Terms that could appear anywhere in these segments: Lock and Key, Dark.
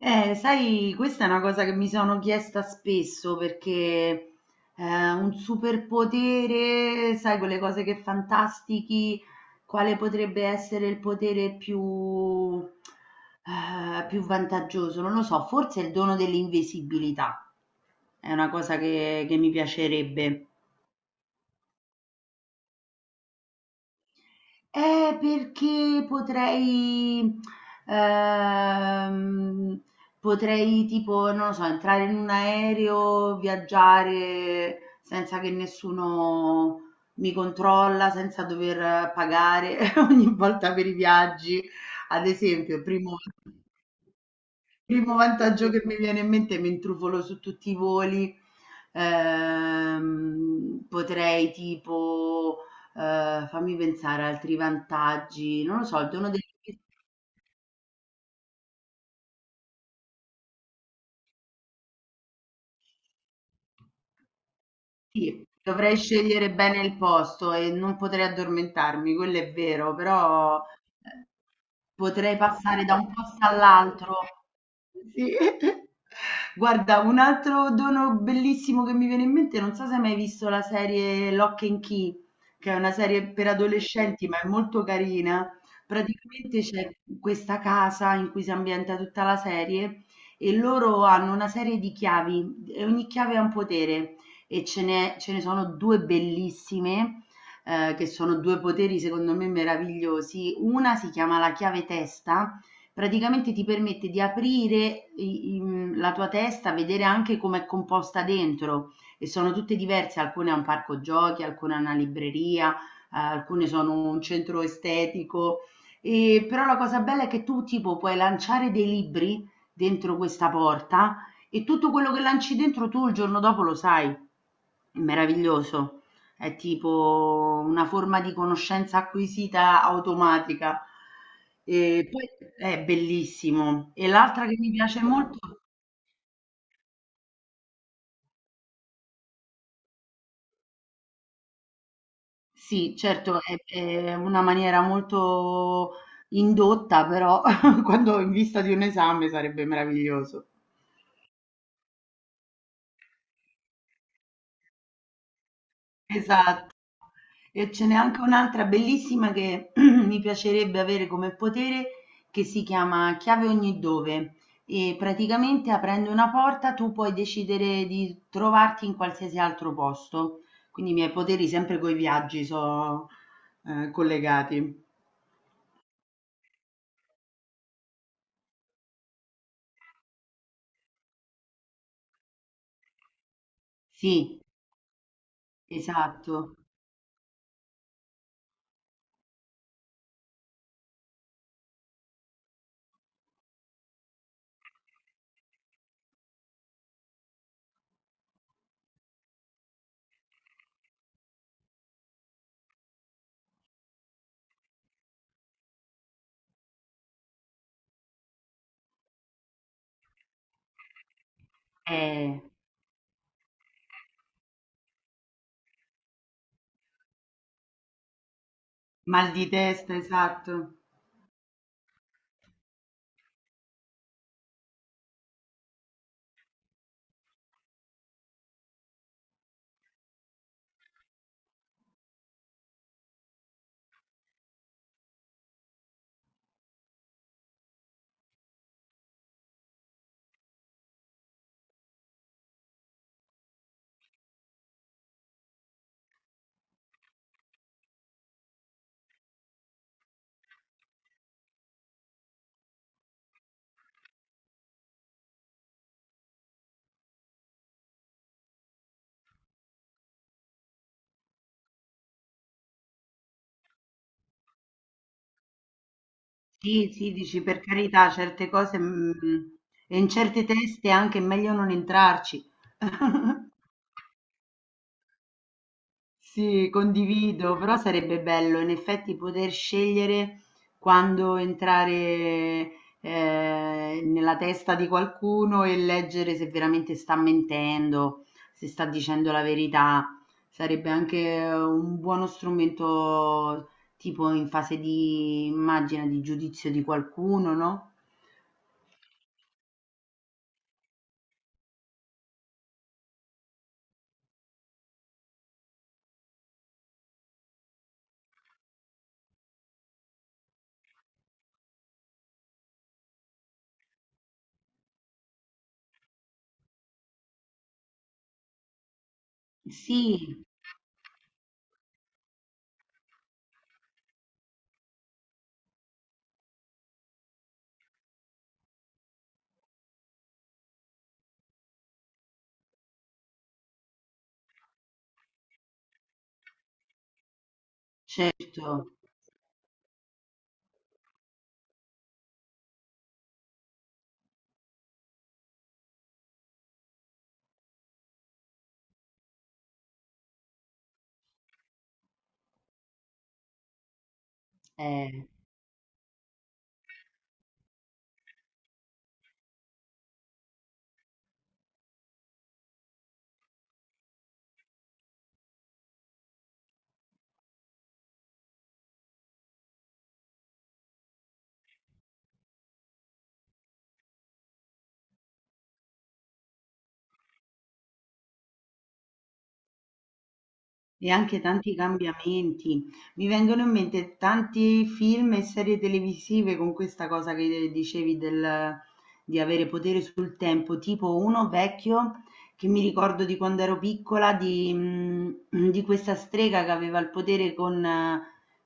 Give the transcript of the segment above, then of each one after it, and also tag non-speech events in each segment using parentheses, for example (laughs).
Sai, questa è una cosa che mi sono chiesta spesso perché un superpotere, sai, quelle cose che fantastichi, quale potrebbe essere il potere più, più vantaggioso? Non lo so, forse il dono dell'invisibilità è una cosa che mi piacerebbe. Perché potrei ehm, potrei tipo, non lo so, entrare in un aereo, viaggiare senza che nessuno mi controlla, senza dover pagare (laughs) ogni volta per i viaggi. Ad esempio, primo... Primo vantaggio che mi viene in mente, mi intrufolo su tutti i voli, potrei tipo, fammi pensare altri vantaggi, non lo so, il dono degli. Sì, dovrei scegliere bene il posto e non potrei addormentarmi, quello è vero, però eh, potrei passare da un posto all'altro. Sì. (laughs) Guarda, un altro dono bellissimo che mi viene in mente, non so se hai mai visto la serie Lock and Key, che è una serie per adolescenti, ma è molto carina. Praticamente c'è questa casa in cui si ambienta tutta la serie e loro hanno una serie di chiavi e ogni chiave ha un potere e ce ne sono 2 bellissime, che sono 2 poteri secondo me meravigliosi. Una si chiama la chiave testa, praticamente ti permette di aprire i mhmm, la tua testa, vedere anche com'è composta dentro e sono tutte diverse, alcune ha un parco giochi, alcune ha una libreria, alcune sono un centro estetico, però la cosa bella è che tu tipo puoi lanciare dei libri dentro questa porta e tutto quello che lanci dentro tu il giorno dopo lo sai. È meraviglioso, è tipo una forma di conoscenza acquisita automatica. E poi è bellissimo. E l'altra che mi piace molto, sì, certo, è una maniera molto indotta, però (laughs) quando in vista di un esame sarebbe meraviglioso. Esatto. E ce n'è anche un'altra bellissima che (clears throat) mi piacerebbe avere come potere, che si chiama Chiave ogni dove. E praticamente aprendo una porta tu puoi decidere di trovarti in qualsiasi altro posto. Quindi i miei poteri sempre coi viaggi sono collegati. Sì, esatto. Eh, mal di testa, esatto. Sì, sì, dici per carità, certe cose mm, e in certe teste è anche meglio non entrarci. (laughs) Sì, condivido, però sarebbe bello in effetti poter scegliere quando entrare nella testa di qualcuno e leggere se veramente sta mentendo, se sta dicendo la verità. Sarebbe anche un buono strumento tipo in fase di, immagina, di giudizio di qualcuno, no? Sì, certo. E anche tanti cambiamenti. Mi vengono in mente tanti film e serie televisive con questa cosa che dicevi del, di avere potere sul tempo, tipo uno vecchio che mi ricordo di quando ero piccola, di, mm, di questa strega che aveva il potere con,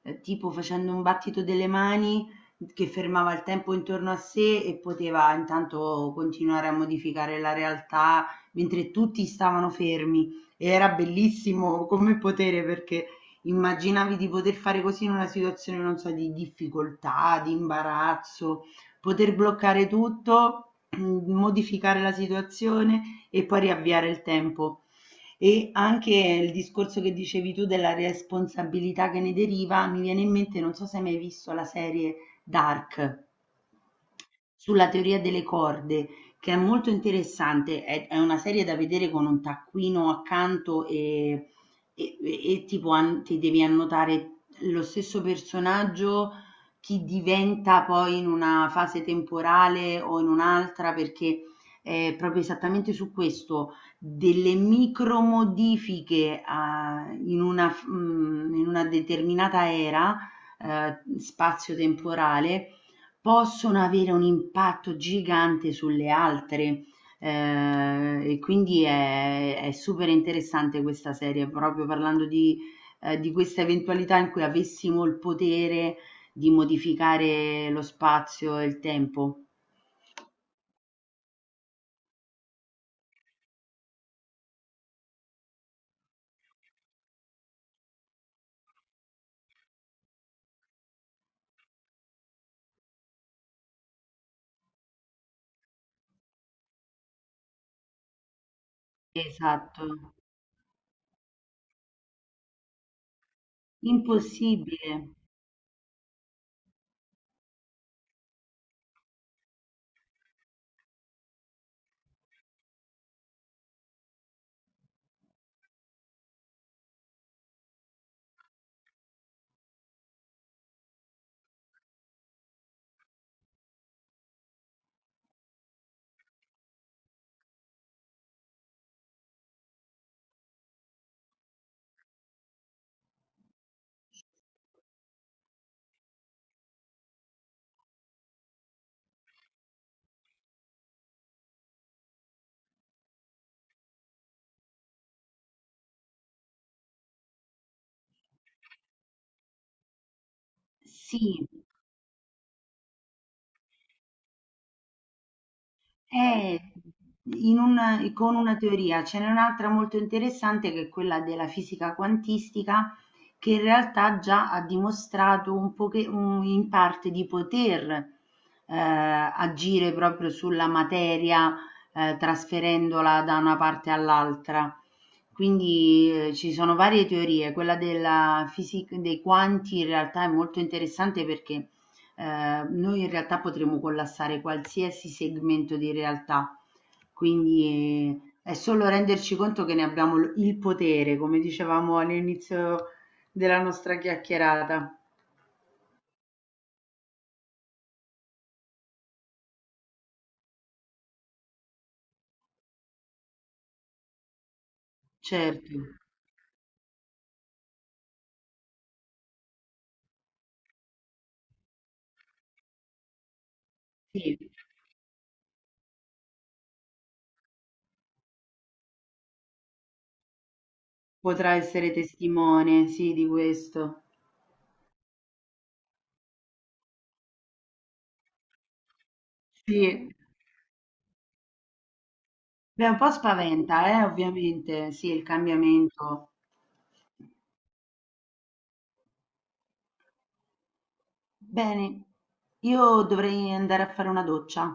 tipo facendo un battito delle mani, che fermava il tempo intorno a sé e poteva intanto continuare a modificare la realtà mentre tutti stavano fermi e era bellissimo come potere perché immaginavi di poter fare così in una situazione, non so, di difficoltà, di imbarazzo, poter bloccare tutto, mm, modificare la situazione e poi riavviare il tempo. E anche il discorso che dicevi tu della responsabilità che ne deriva, mi viene in mente, non so se hai mai visto la serie Dark sulla teoria delle corde che è molto interessante, è una serie da vedere con un taccuino accanto e, e tipo ti devi annotare lo stesso personaggio, chi diventa poi in una fase temporale o in un'altra, perché è proprio esattamente su questo, delle micro modifiche in una, mm, in una determinata era spazio-temporale possono avere un impatto gigante sulle altre. E quindi è super interessante questa serie, proprio parlando di questa eventualità in cui avessimo il potere di modificare lo spazio e il tempo. Esatto, impossibile. Sì, è in una- con una teoria. Ce n'è un'altra molto interessante che è quella della fisica quantistica, che in realtà già ha dimostrato un in parte di poter agire proprio sulla materia trasferendola da una parte all'altra. Quindi ci sono varie teorie, quella della fisica dei quanti in realtà è molto interessante perché noi in realtà potremmo collassare qualsiasi segmento di realtà, quindi è solo renderci conto che ne abbiamo il potere, come dicevamo all'inizio della nostra chiacchierata, certo, sì, potrà essere testimone, sì, di questo. Sì, beh, un po' spaventa, ovviamente, sì, il cambiamento. Bene, io dovrei andare a fare una doccia.